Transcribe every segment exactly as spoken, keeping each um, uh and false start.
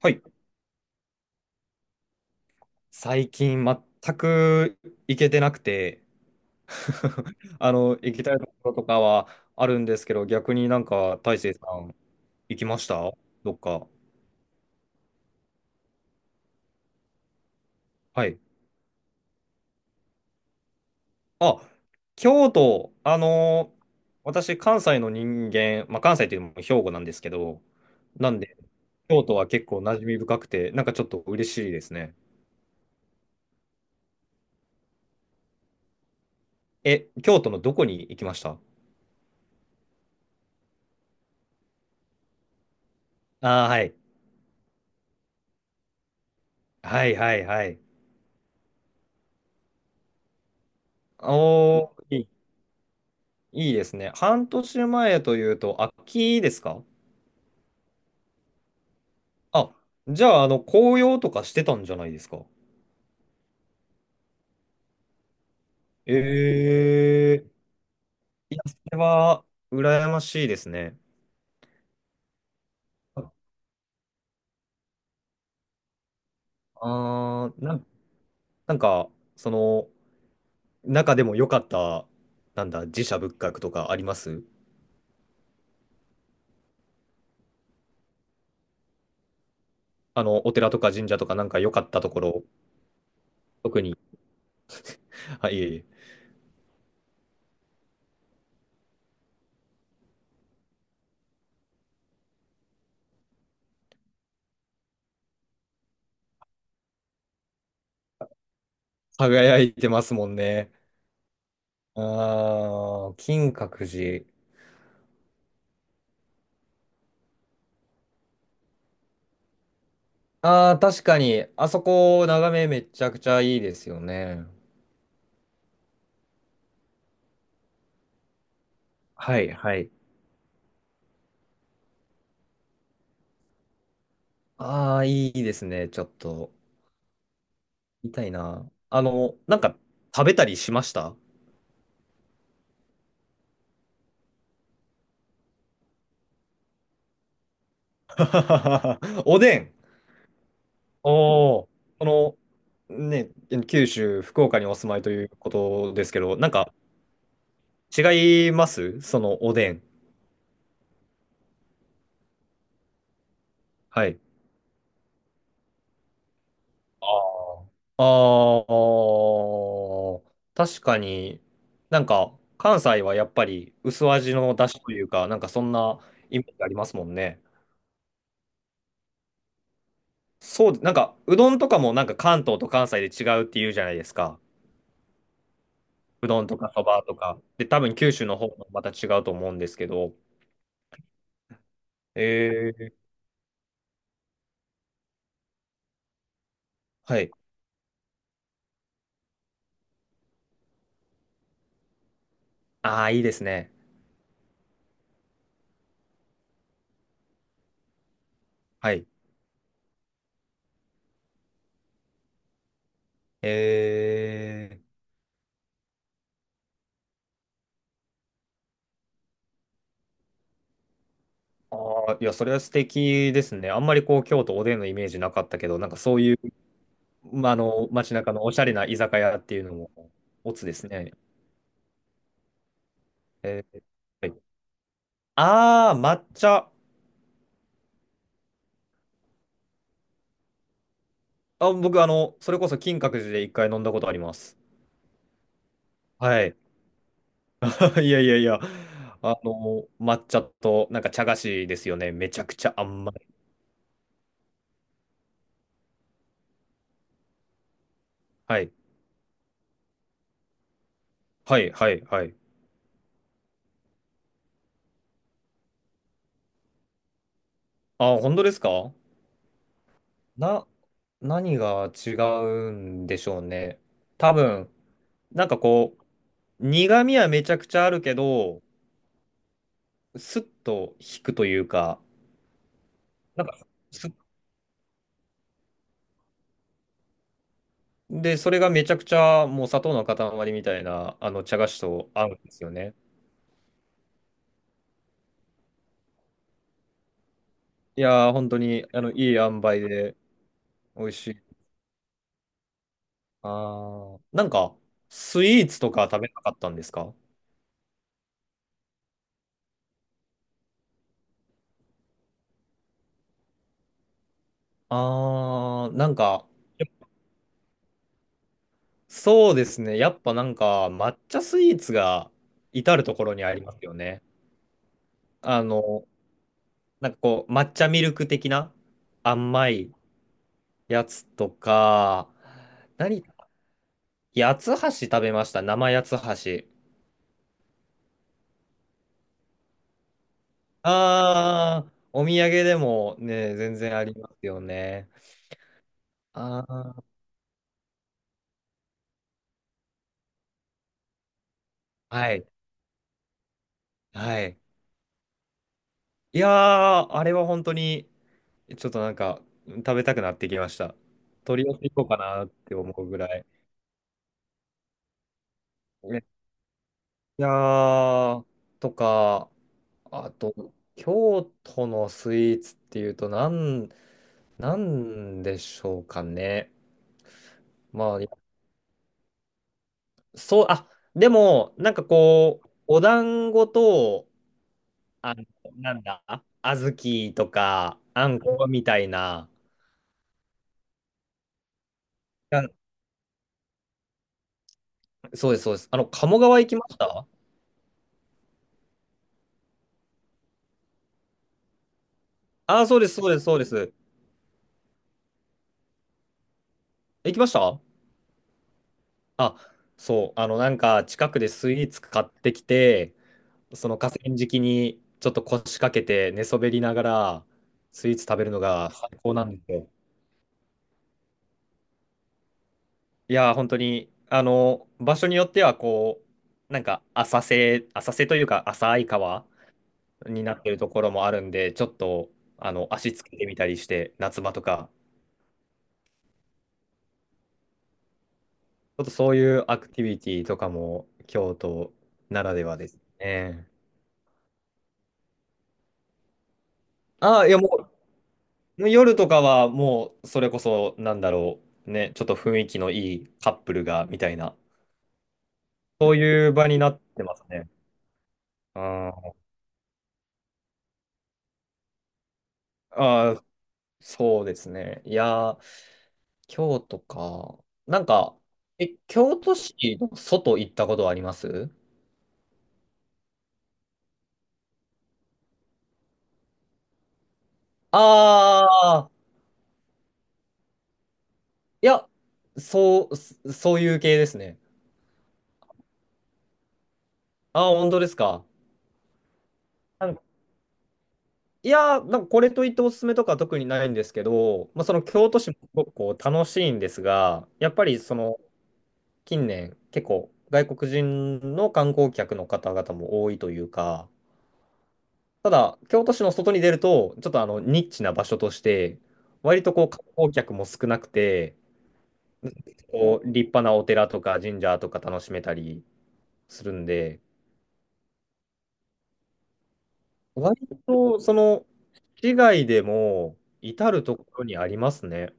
はい。最近全く行けてなくて。 あの、行きたいところとかはあるんですけど、逆になんか大成さん行きましたどっか？はい。あ、京都、あの私関西の人間、まあ、関西というのも兵庫なんですけど、なんで京都は結構馴染み深くて、なんかちょっと嬉しいですね。え、京都のどこに行きました？ああー、はい。はいはいはい。おー、いいいいですね。半年前というと、秋ですか？あ、じゃあ、あの、紅葉とかしてたんじゃないですか？ええ、いや、それは、羨ましいですね。ああー、なん、なんか、その、中でも良かった、なんだ、寺社仏閣とかあります？あの、お寺とか神社とかなんか良かったところ、特に。はいえいえ。輝いてますもんね。ああ、金閣寺。ああ、確かに、あそこ、眺めめちゃくちゃいいですよね。はい、はい。ああ、いいですね。ちょっと、痛いな。あの、なんか、食べたりしました？ おでん。おお、この、ね、九州、福岡にお住まいということですけど、なんか、違いますそのおでん？はい。ああ。ああ、確かに、なんか関西はやっぱり薄味の出汁というか、なんかそんなイメージありますもんね。そう、なんかうどんとかもなんか関東と関西で違うって言うじゃないですか。うどんとかそばとか。で、多分九州の方もまた違うと思うんですけど。えー、はい。ああ、いいですね。はい。えー、ああ、いや、それは素敵ですね。あんまりこう京都おでんのイメージなかったけど、なんかそういう、まあ、あの、街中のおしゃれな居酒屋っていうのも、オツですね。えー、はい、あー、抹茶。あ、僕、あの、それこそ金閣寺で一回飲んだことあります。はい。いやいやいや。あの、抹茶と、なんか茶菓子ですよね。めちゃくちゃ甘い。はい。はい、はい、はい。あ、本当ですか？な、何が違うんでしょうね。多分、なんかこう、苦味はめちゃくちゃあるけど、スッと引くというか、なんか、すで、それがめちゃくちゃもう砂糖の塊みたいな、あの、茶菓子と合うんですよね。いやー、本当に、あの、いい塩梅で美味しい。あー、なんか、スイーツとか食べなかったんですか？あー、なんか、そうですね。やっぱなんか、抹茶スイーツが至るところにありますよね。あの、なんかこう、抹茶ミルク的な甘いやつとか、何、八つ橋食べました。生八つ橋。ああ、お土産でもね、全然ありますよね。ああ、はい、はい。いやー、あれは本当に、ちょっとなんか、食べたくなってきました。取り寄せてこうかなって思うぐらい。ね、いやー、とか、あと、京都のスイーツっていうと、なん、なんでしょうかね。まあ、そう、あ、でも、なんかこう、お団子と、あの、なんだ、小豆とか、あんこみたいな。あ、そうです、そうです。あの、鴨川行きました？ああ、そうです、そうです、そうです。行きました？あ、そう、あの、なんか、近くでスイーツ買ってきて、その河川敷にちょっと腰掛けて寝そべりながら、スイーツ食べるのが最高なんですよ。いやー、本当に、あの、場所によっては、こう、なんか、浅瀬、浅瀬というか、浅い川になってるところもあるんで、ちょっとあの足つけてみたりして、夏場とか、ちょっとそういうアクティビティとかも京都ならではですね。ああ、いやもう夜とかはもうそれこそなんだろう、ね、ちょっと雰囲気のいいカップルがみたいな、そういう場になってますね。ああ、そうですね。いやー、京都か。なんか、え、京都市の外行ったことはあります？あ、いや、そう、そそういう系ですね。ああ、本当ですか。あのいやー、なんかこれといっておすすめとか特にないんですけど、まあ、その京都市もすごくこう楽しいんですが、やっぱりその近年結構外国人の観光客の方々も多いというか、ただ京都市の外に出ると、ちょっとあのニッチな場所として、割とこう観光客も少なくて、こう立派なお寺とか神社とか楽しめたりするんで、割と、その、市外でも、至るところにありますね。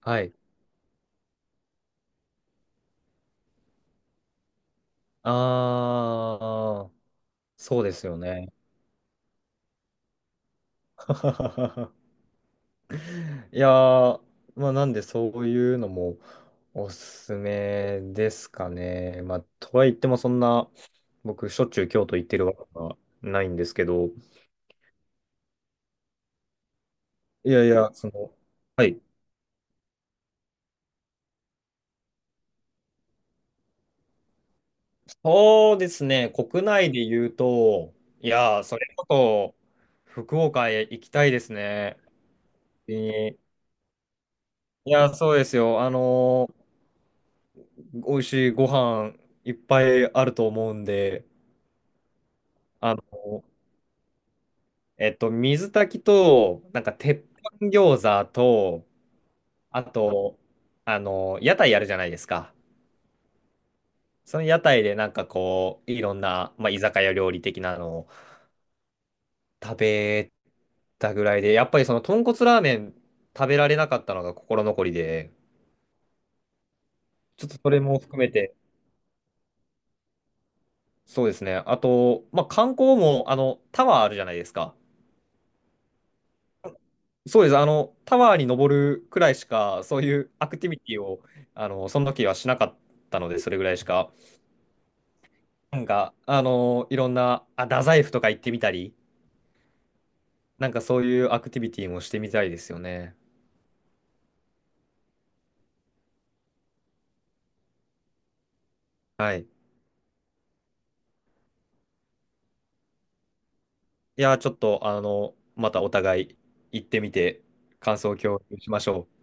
はい。ああ、そうですよね。いやー、まあ、なんでそういうのもおすすめですかね。まあ、とはいってもそんな、僕、しょっちゅう京都行ってるわけはないんですけど、いやいや、その、はい。そうですね、国内で言うと、いやー、それこそ、福岡へ行きたいですね。えー、いや、そうですよ。あのー、美味しいご飯いっぱいあると思うんで、あのー、えっと、水炊きと、なんか、鉄板餃子と、あと、あのー、屋台やるじゃないですか。その屋台で、なんかこう、いろんな、まあ、居酒屋料理的なのを食べたぐらいで、やっぱりその、豚骨ラーメン食べられなかったのが心残りで、ちょっとそれも含めて、そうですね。あと、まあ、観光も、あの、タワーあるじゃないですか。そうです。あの、タワーに登るくらいしか、そういうアクティビティを、あの、その時はしなかったので、それぐらいしか。なんか、あの、いろんな、あ、太宰府とか行ってみたり、なんかそういうアクティビティもしてみたいですよね。はい。いや、ちょっと、あの、またお互い行ってみて、感想を共有しましょう。